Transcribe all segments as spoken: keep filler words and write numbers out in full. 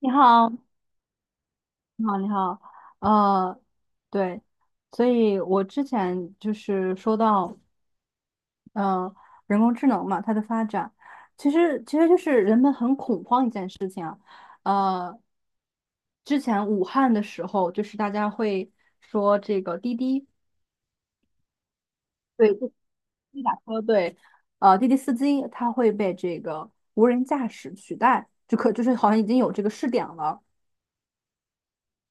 你好，你好，你好，呃，对，所以我之前就是说到，呃，人工智能嘛，它的发展，其实其实就是人们很恐慌一件事情啊，呃，之前武汉的时候，就是大家会说这个滴滴，对，滴滴打车，对，呃，滴滴司机他会被这个无人驾驶取代，就可就是好像已经有这个试点了。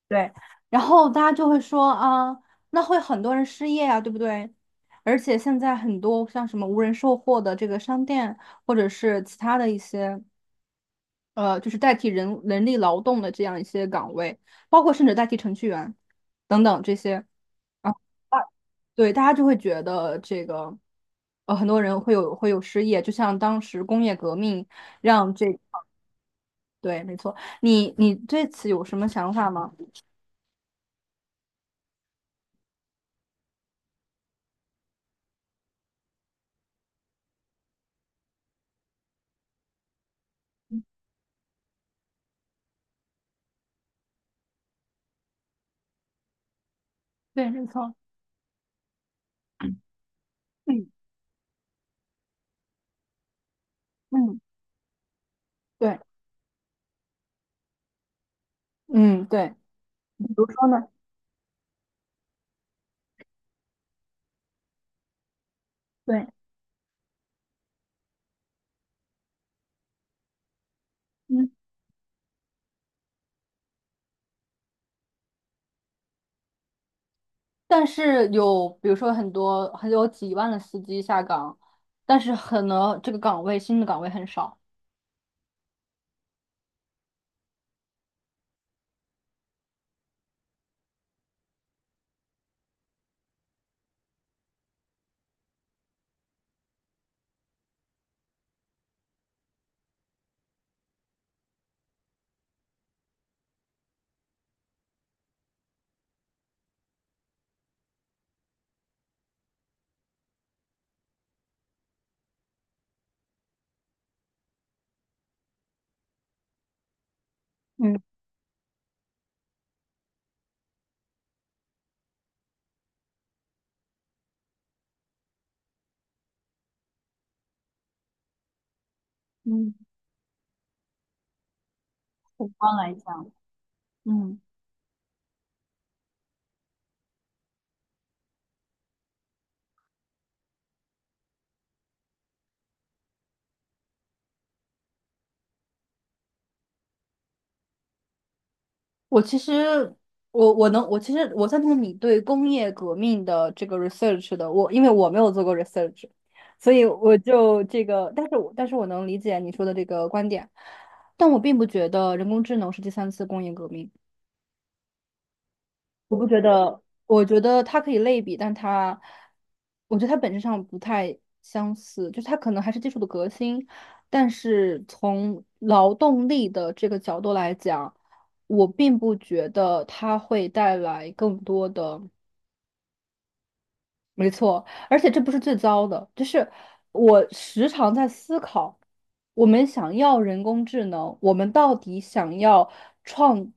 对，然后大家就会说啊，那会很多人失业啊，对不对？而且现在很多像什么无人售货的这个商店，或者是其他的一些呃，就是代替人人力劳动的这样一些岗位，包括甚至代替程序员等等这些啊，对，大家就会觉得这个呃，很多人会有会有失业，就像当时工业革命让这对，没错，你你对此有什么想法吗？对，没错，嗯嗯，对。嗯，对，比如说呢？对，嗯，但是有，比如说很多，很有几万的司机下岗，但是可能这个岗位新的岗位很少。嗯嗯，宏观来讲，嗯，我其实我我能我其实我赞同你对工业革命的这个 research 的，我因为我没有做过 research，所以我就这个，但是我但是我能理解你说的这个观点，但我并不觉得人工智能是第三次工业革命。我不觉得，我觉得它可以类比，但它，我觉得它本质上不太相似，就是它可能还是技术的革新，但是从劳动力的这个角度来讲，我并不觉得它会带来更多的。没错，而且这不是最糟的，就是我时常在思考，我们想要人工智能，我们到底想要创，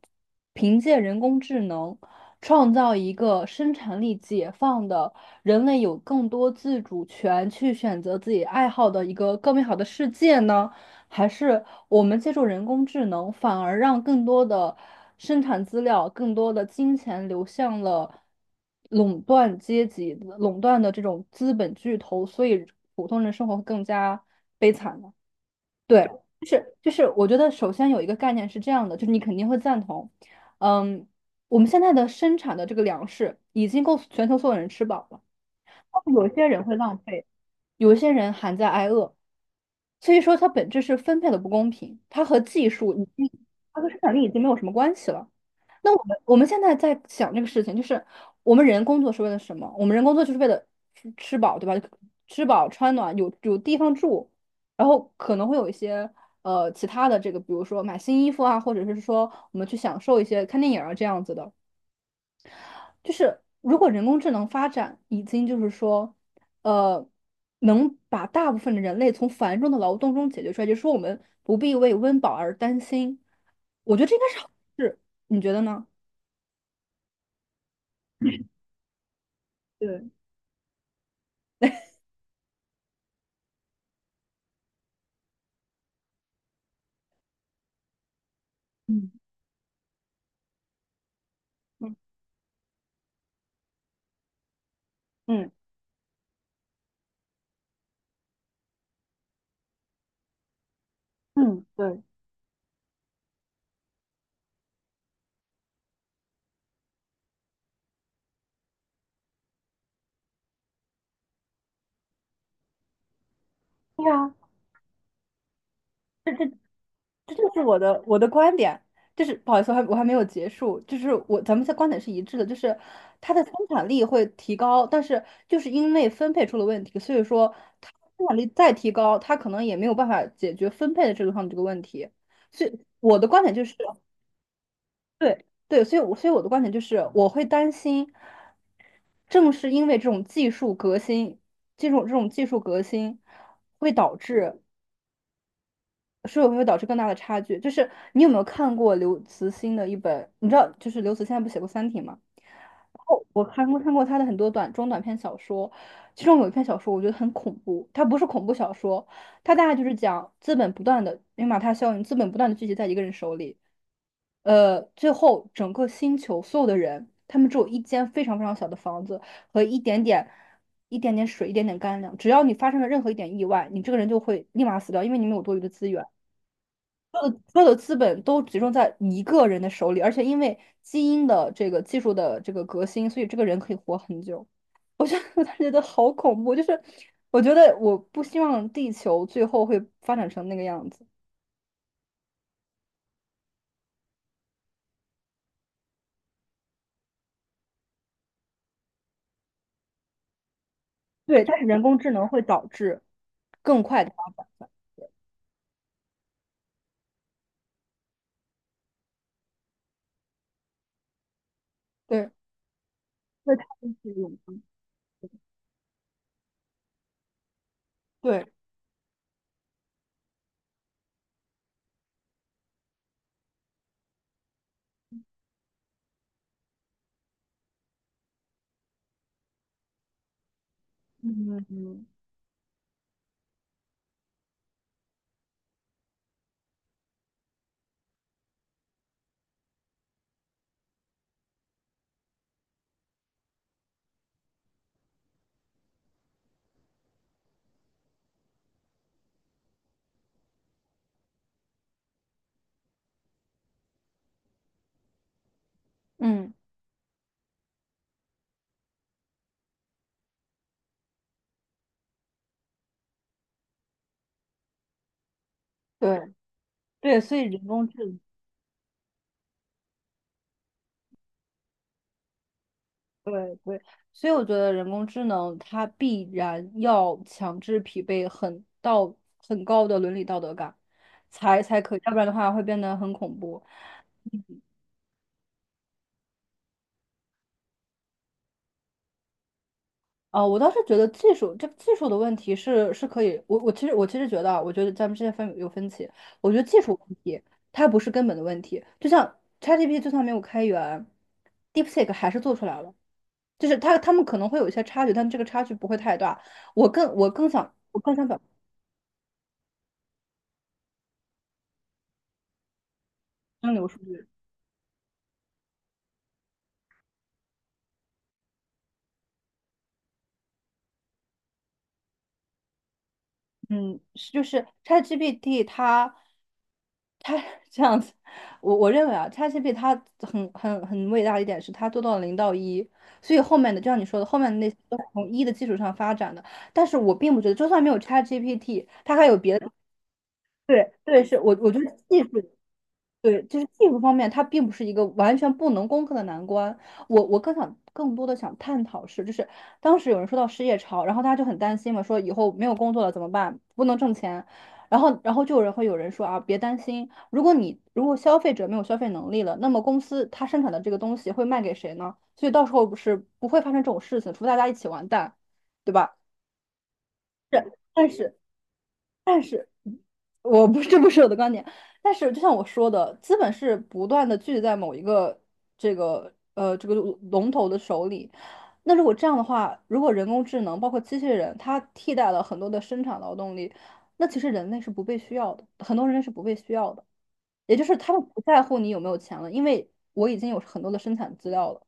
凭借人工智能创造一个生产力解放的人类有更多自主权去选择自己爱好的一个更美好的世界呢，还是我们借助人工智能，反而让更多的生产资料、更多的金钱流向了垄断阶级、垄断的这种资本巨头，所以普通人生活会更加悲惨呢？对，就是就是，我觉得首先有一个概念是这样的，就是你肯定会赞同，嗯，我们现在的生产的这个粮食已经够全球所有人吃饱了。有些人会浪费，有些人还在挨饿，所以说它本质是分配的不公平，它和技术已经，它和生产力已经没有什么关系了。那我们我们现在在想这个事情，就是我们人工作是为了什么？我们人工作就是为了吃吃饱，对吧？吃饱穿暖，有有地方住，然后可能会有一些呃其他的这个，比如说买新衣服啊，或者是说我们去享受一些看电影啊这样子的。就是如果人工智能发展已经就是说，呃，能把大部分的人类从繁重的劳动中解决出来，就是说我们不必为温饱而担心，我觉得这应该是好事，你觉得呢？对，嗯嗯，嗯嗯，对，对啊。这就是我的我的观点，就是不好意思，我还我还没有结束，就是我咱们的观点是一致的，就是它的生产力会提高，但是就是因为分配出了问题，所以说它生产力再提高，它可能也没有办法解决分配的制度上的这个问题，所以我的观点就是，对对，所以我所以我的观点就是，我会担心，正是因为这种技术革新，这种这种技术革新会导致。是否会导致更大的差距。就是你有没有看过刘慈欣的一本？你知道，就是刘慈欣他不写过《三体》吗？然后我看过看过他的很多短中短篇小说，其中有一篇小说我觉得很恐怖，它不是恐怖小说，它大概就是讲资本不断的因为马太效应，资本不断的聚集在一个人手里，呃，最后整个星球所有的人，他们只有一间非常非常小的房子和一点点、一点点水、一点点干粮。只要你发生了任何一点意外，你这个人就会立马死掉，因为你没有多余的资源。所有的资本都集中在一个人的手里，而且因为基因的这个技术的这个革新，所以这个人可以活很久。我觉得 我当时觉得好恐怖，就是我觉得我不希望地球最后会发展成那个样子。对，但是人工智能会导致更快的发展。对，对，它就是永对，嗯嗯嗯，对对，所以人工智能。对对，所以我觉得人工智能它必然要强制匹配很道很高的伦理道德感，才才可以，要不然的话会变得很恐怖。啊、我倒是觉得技术这个技术的问题是是可以，我我其实我其实觉得啊，我觉得咱们之间分有分歧，我觉得技术问题它不是根本的问题，就像 ChatGPT 就算没有开源，deep seek 还是做出来了。就是他他们可能会有一些差距，但这个差距不会太大。我更我更想我更想表达真流数据。嗯，是就是 ChatGPT 它它 这样子，我我认为啊，ChatGPT 它很很很伟大的一点是它做到了零到一，所以后面的就像你说的，后面的那些都是从一的基础上发展的。但是我并不觉得，就算没有 ChatGPT，它还有别的。对对，是我我觉得技术对，就是技术方面，它并不是一个完全不能攻克的难关。我我更想更多的想探讨是，就是当时有人说到失业潮，然后大家就很担心嘛，说以后没有工作了怎么办？不能挣钱。然后然后就有人会有人说啊，别担心，如果你如果消费者没有消费能力了，那么公司它生产的这个东西会卖给谁呢？所以到时候不是不会发生这种事情，除非大家一起完蛋，对吧？是，但是。但是，我不，这不是我的观点。但是，就像我说的，资本是不断的聚集在某一个这个呃这个龙头的手里。那如果这样的话，如果人工智能包括机器人，它替代了很多的生产劳动力，那其实人类是不被需要的，很多人类是不被需要的。也就是他们不在乎你有没有钱了，因为我已经有很多的生产资料了。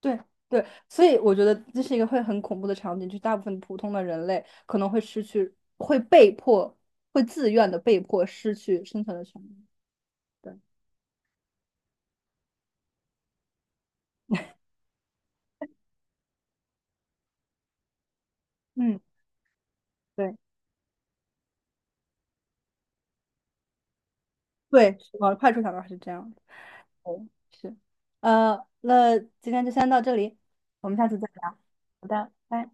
对对，所以我觉得这是一个会很恐怖的场景，就是大部分普通的人类可能会失去，会被迫，会自愿的被迫失去生存的权利。对，嗯，对对，是往坏处想的话是这样的。对，是，呃，那今天就先到这里，我们下次再聊。好的，拜。